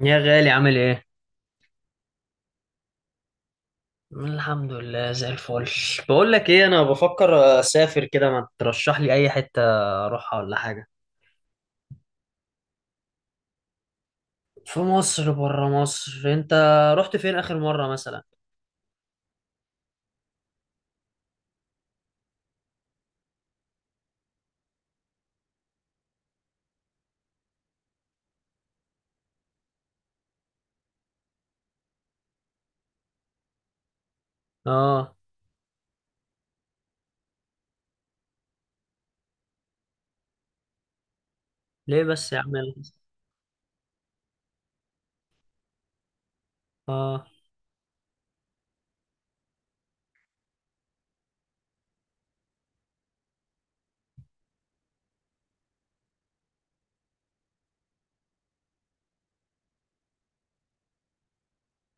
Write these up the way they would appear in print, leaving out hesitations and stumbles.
يا غالي عامل ايه؟ الحمد لله زي الفل. بقول لك ايه، انا بفكر اسافر كده، ما ترشح لي اي حتة اروحها ولا حاجة. في مصر، بره مصر انت، رحت فين اخر مرة مثلا؟ اه. ليه بس يا عم؟ اه.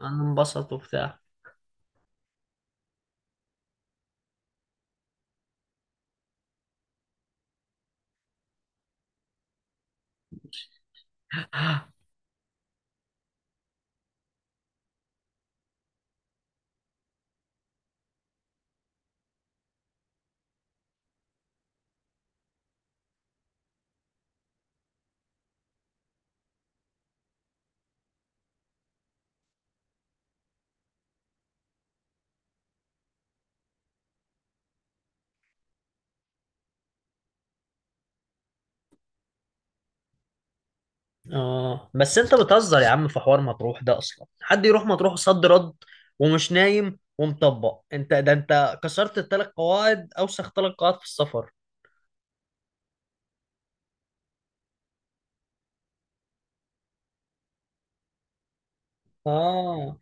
انا انبسط وبتاع. اه بس انت بتهزر يا عم في حوار مطروح ده، اصلا حد يروح مطروح صد رد ومش نايم ومطبق؟ انت ده انت كسرت الـ3 قواعد، اوسخ 3 قواعد في السفر. اه.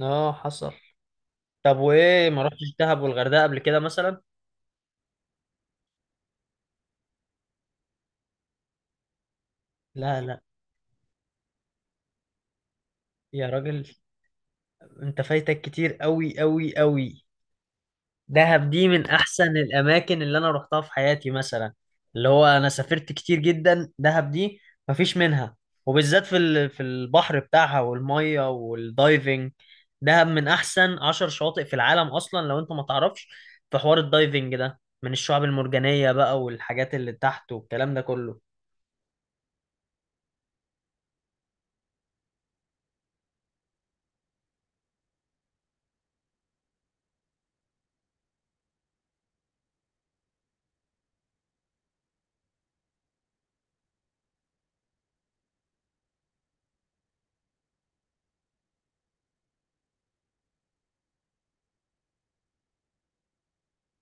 اه حصل. طب وايه ما رحتش دهب والغردقه قبل كده مثلا؟ لا لا. يا راجل، انت فايتك كتير قوي قوي قوي. دهب دي من احسن الاماكن اللي انا رحتها في حياتي مثلا. اللي هو انا سافرت كتير جدا، دهب دي مفيش منها. وبالذات في في البحر بتاعها والميه والدايفنج. دهب من احسن 10 شواطئ في العالم اصلا لو انت ما تعرفش. في حوار الدايفنج ده من الشعاب المرجانيه بقى، والحاجات اللي تحت والكلام ده كله.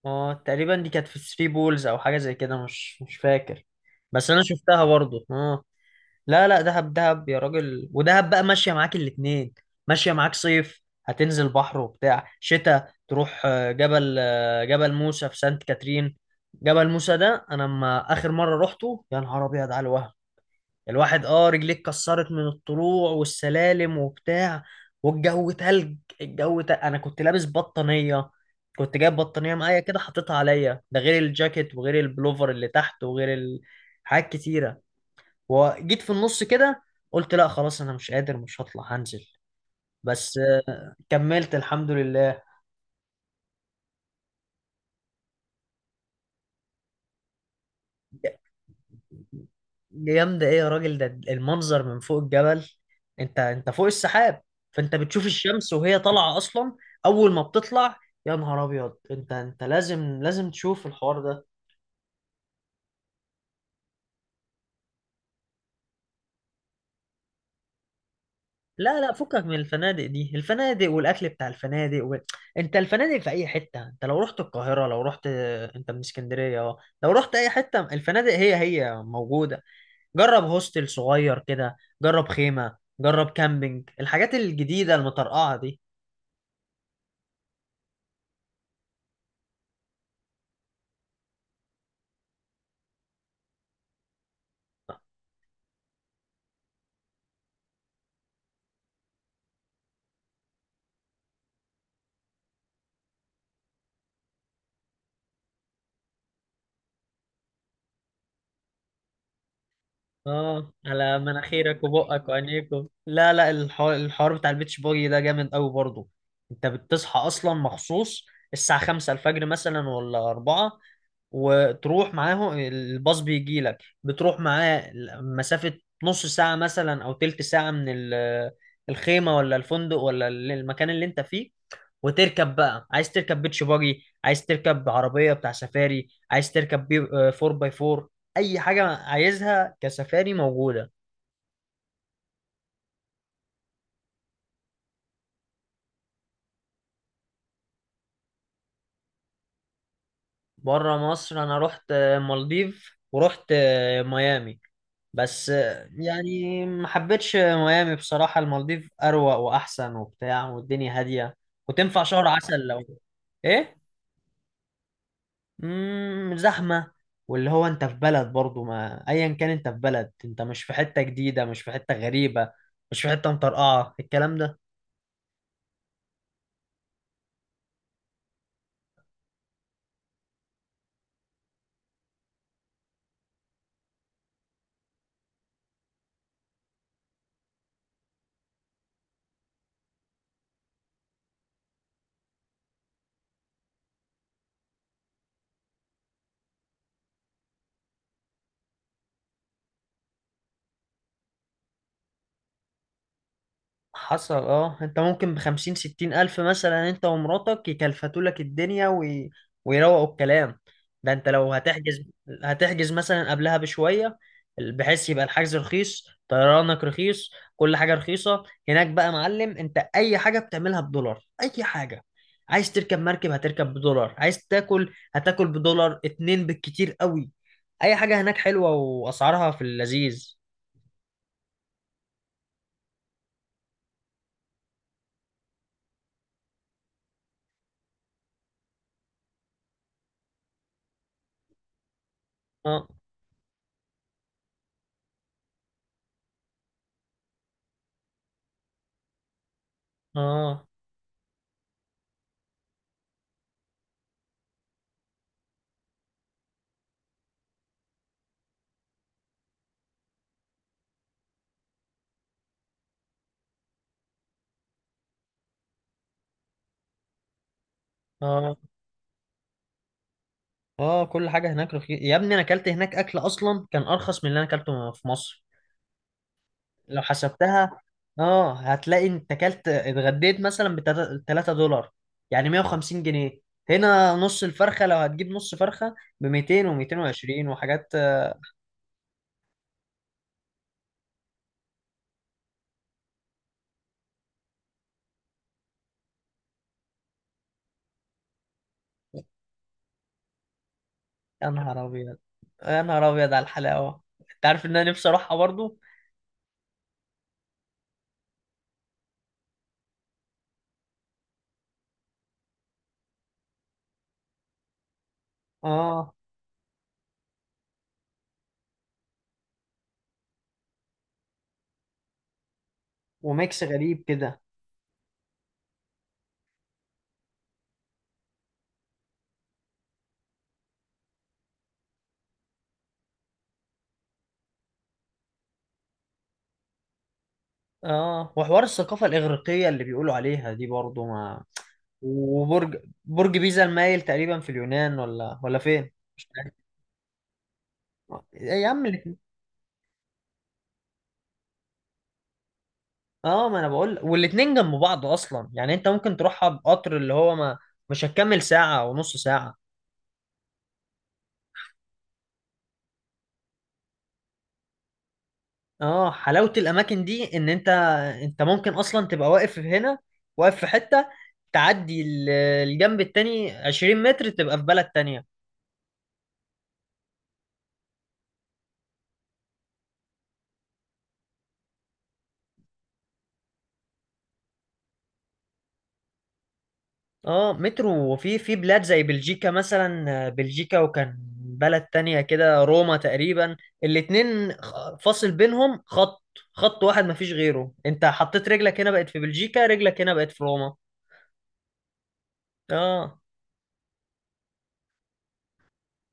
اه تقريبا دي كانت في 3 بولز او حاجه زي كده، مش فاكر. بس انا شفتها برضو، اه. لا لا، دهب دهب يا راجل. ودهب بقى ماشيه معاك الاتنين. ماشيه معاك صيف هتنزل بحر وبتاع، شتاء تروح جبل، جبل موسى في سانت كاترين. جبل موسى ده انا لما اخر مره روحته، يا نهار ابيض على الوهم. الواحد رجليه اتكسرت من الطلوع والسلالم وبتاع. والجو تلج، الجو تلج. انا كنت لابس بطانية، كنت جايب بطانية معايا كده حطيتها عليا، ده غير الجاكيت وغير البلوفر اللي تحت وغير حاجات كتيرة. وجيت في النص كده قلت لا خلاص، انا مش قادر، مش هطلع هنزل. بس كملت الحمد لله. جامدة ايه يا راجل؟ ده المنظر من فوق الجبل، انت فوق السحاب. فانت بتشوف الشمس وهي طالعة اصلا اول ما بتطلع. يا نهار ابيض، انت انت لازم لازم تشوف الحوار ده. لا لا، فكك من الفنادق دي. الفنادق والاكل بتاع الفنادق انت الفنادق في اي حتة. انت لو رحت القاهرة، لو رحت انت من اسكندرية اه، لو رحت اي حتة، الفنادق هي هي موجودة. جرب هوستل صغير كده، جرب خيمة، جرب كامبينج، الحاجات الجديدة المطرقعة دي. اه على مناخيرك وبقك وعينيك لا لا، الحوار بتاع البيتش باجي ده جامد قوي برضه. انت بتصحى اصلا مخصوص الساعة 5 الفجر مثلا ولا 4. وتروح معاه، الباص بيجي لك بتروح معاه مسافة نص ساعة مثلا أو تلت ساعة من الخيمة ولا الفندق ولا المكان اللي انت فيه. وتركب بقى، عايز تركب بيتش باجي، عايز تركب عربية بتاع سفاري، عايز تركب بي 4 باي 4، أي حاجة عايزها كسفاري موجودة. بره مصر أنا رحت مالديف ورحت ميامي. بس يعني ما حبيتش ميامي بصراحة. المالديف أروق وأحسن وبتاع، والدنيا هادية، وتنفع شهر عسل لو... إيه؟ زحمة. واللي هو انت في بلد برضو ما، ايا كان انت في بلد، انت مش في حتة جديدة، مش في حتة غريبة، مش في حتة مطرقعة الكلام ده. حصل. اه انت ممكن بخمسين ستين الف مثلا انت ومراتك يكلفتوا لك الدنيا ويروقوا الكلام. ده انت لو هتحجز، هتحجز مثلا قبلها بشوية، بحيث يبقى الحجز رخيص، طيرانك رخيص، كل حاجة رخيصة. هناك بقى يا معلم، انت اي حاجة بتعملها بدولار، اي حاجة. عايز تركب مركب هتركب بدولار، عايز تاكل هتاكل بدولار اتنين بالكتير قوي. اي حاجة هناك حلوة، واسعارها في اللذيذ. اه. اه. اه. اه كل حاجه هناك رخيصه يا ابني. انا اكلت هناك اكل اصلا كان ارخص من اللي انا اكلته في مصر. لو حسبتها، اه هتلاقي انت اكلت اتغديت مثلا ب 3 دولار، يعني 150 جنيه. هنا نص الفرخه لو هتجيب نص فرخه ب 200 و220 وحاجات. يا نهار ابيض، يا نهار ابيض على الحلاوه. انت عارف ان انا نفسي اروحها برضو. اه. وميكس غريب كده. اه وحوار الثقافة الإغريقية اللي بيقولوا عليها دي برضو ما. وبرج، برج بيزا المايل تقريبا في اليونان ولا فين، مش عارف. إيه يا عم الاتنين. اه ما انا بقول، والاتنين جنب بعض اصلا. يعني انت ممكن تروحها بقطر، اللي هو ما، مش هتكمل ساعة ونص ساعة. اه حلاوة الاماكن دي، ان انت ممكن اصلا تبقى واقف هنا، واقف في حتة، تعدي الجنب التاني 20 متر تبقى في بلد تانية. اه مترو، وفي بلاد زي بلجيكا مثلا، بلجيكا وكان بلد تانية كده، روما تقريبا. الاتنين فاصل بينهم خط، خط واحد مفيش غيره. انت حطيت رجلك هنا بقت في بلجيكا، رجلك هنا بقت في روما. اه.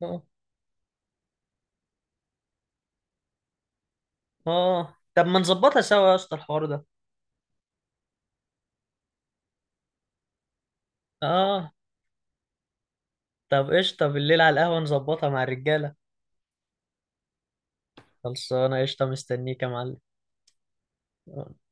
اه. اه طب ما نظبطها سوا يا اسطى الحوار ده. اه، طب قشطة، بالليل على القهوة نظبطها مع الرجالة. خلصانة، قشطة، مستنيك يا معلم. آه.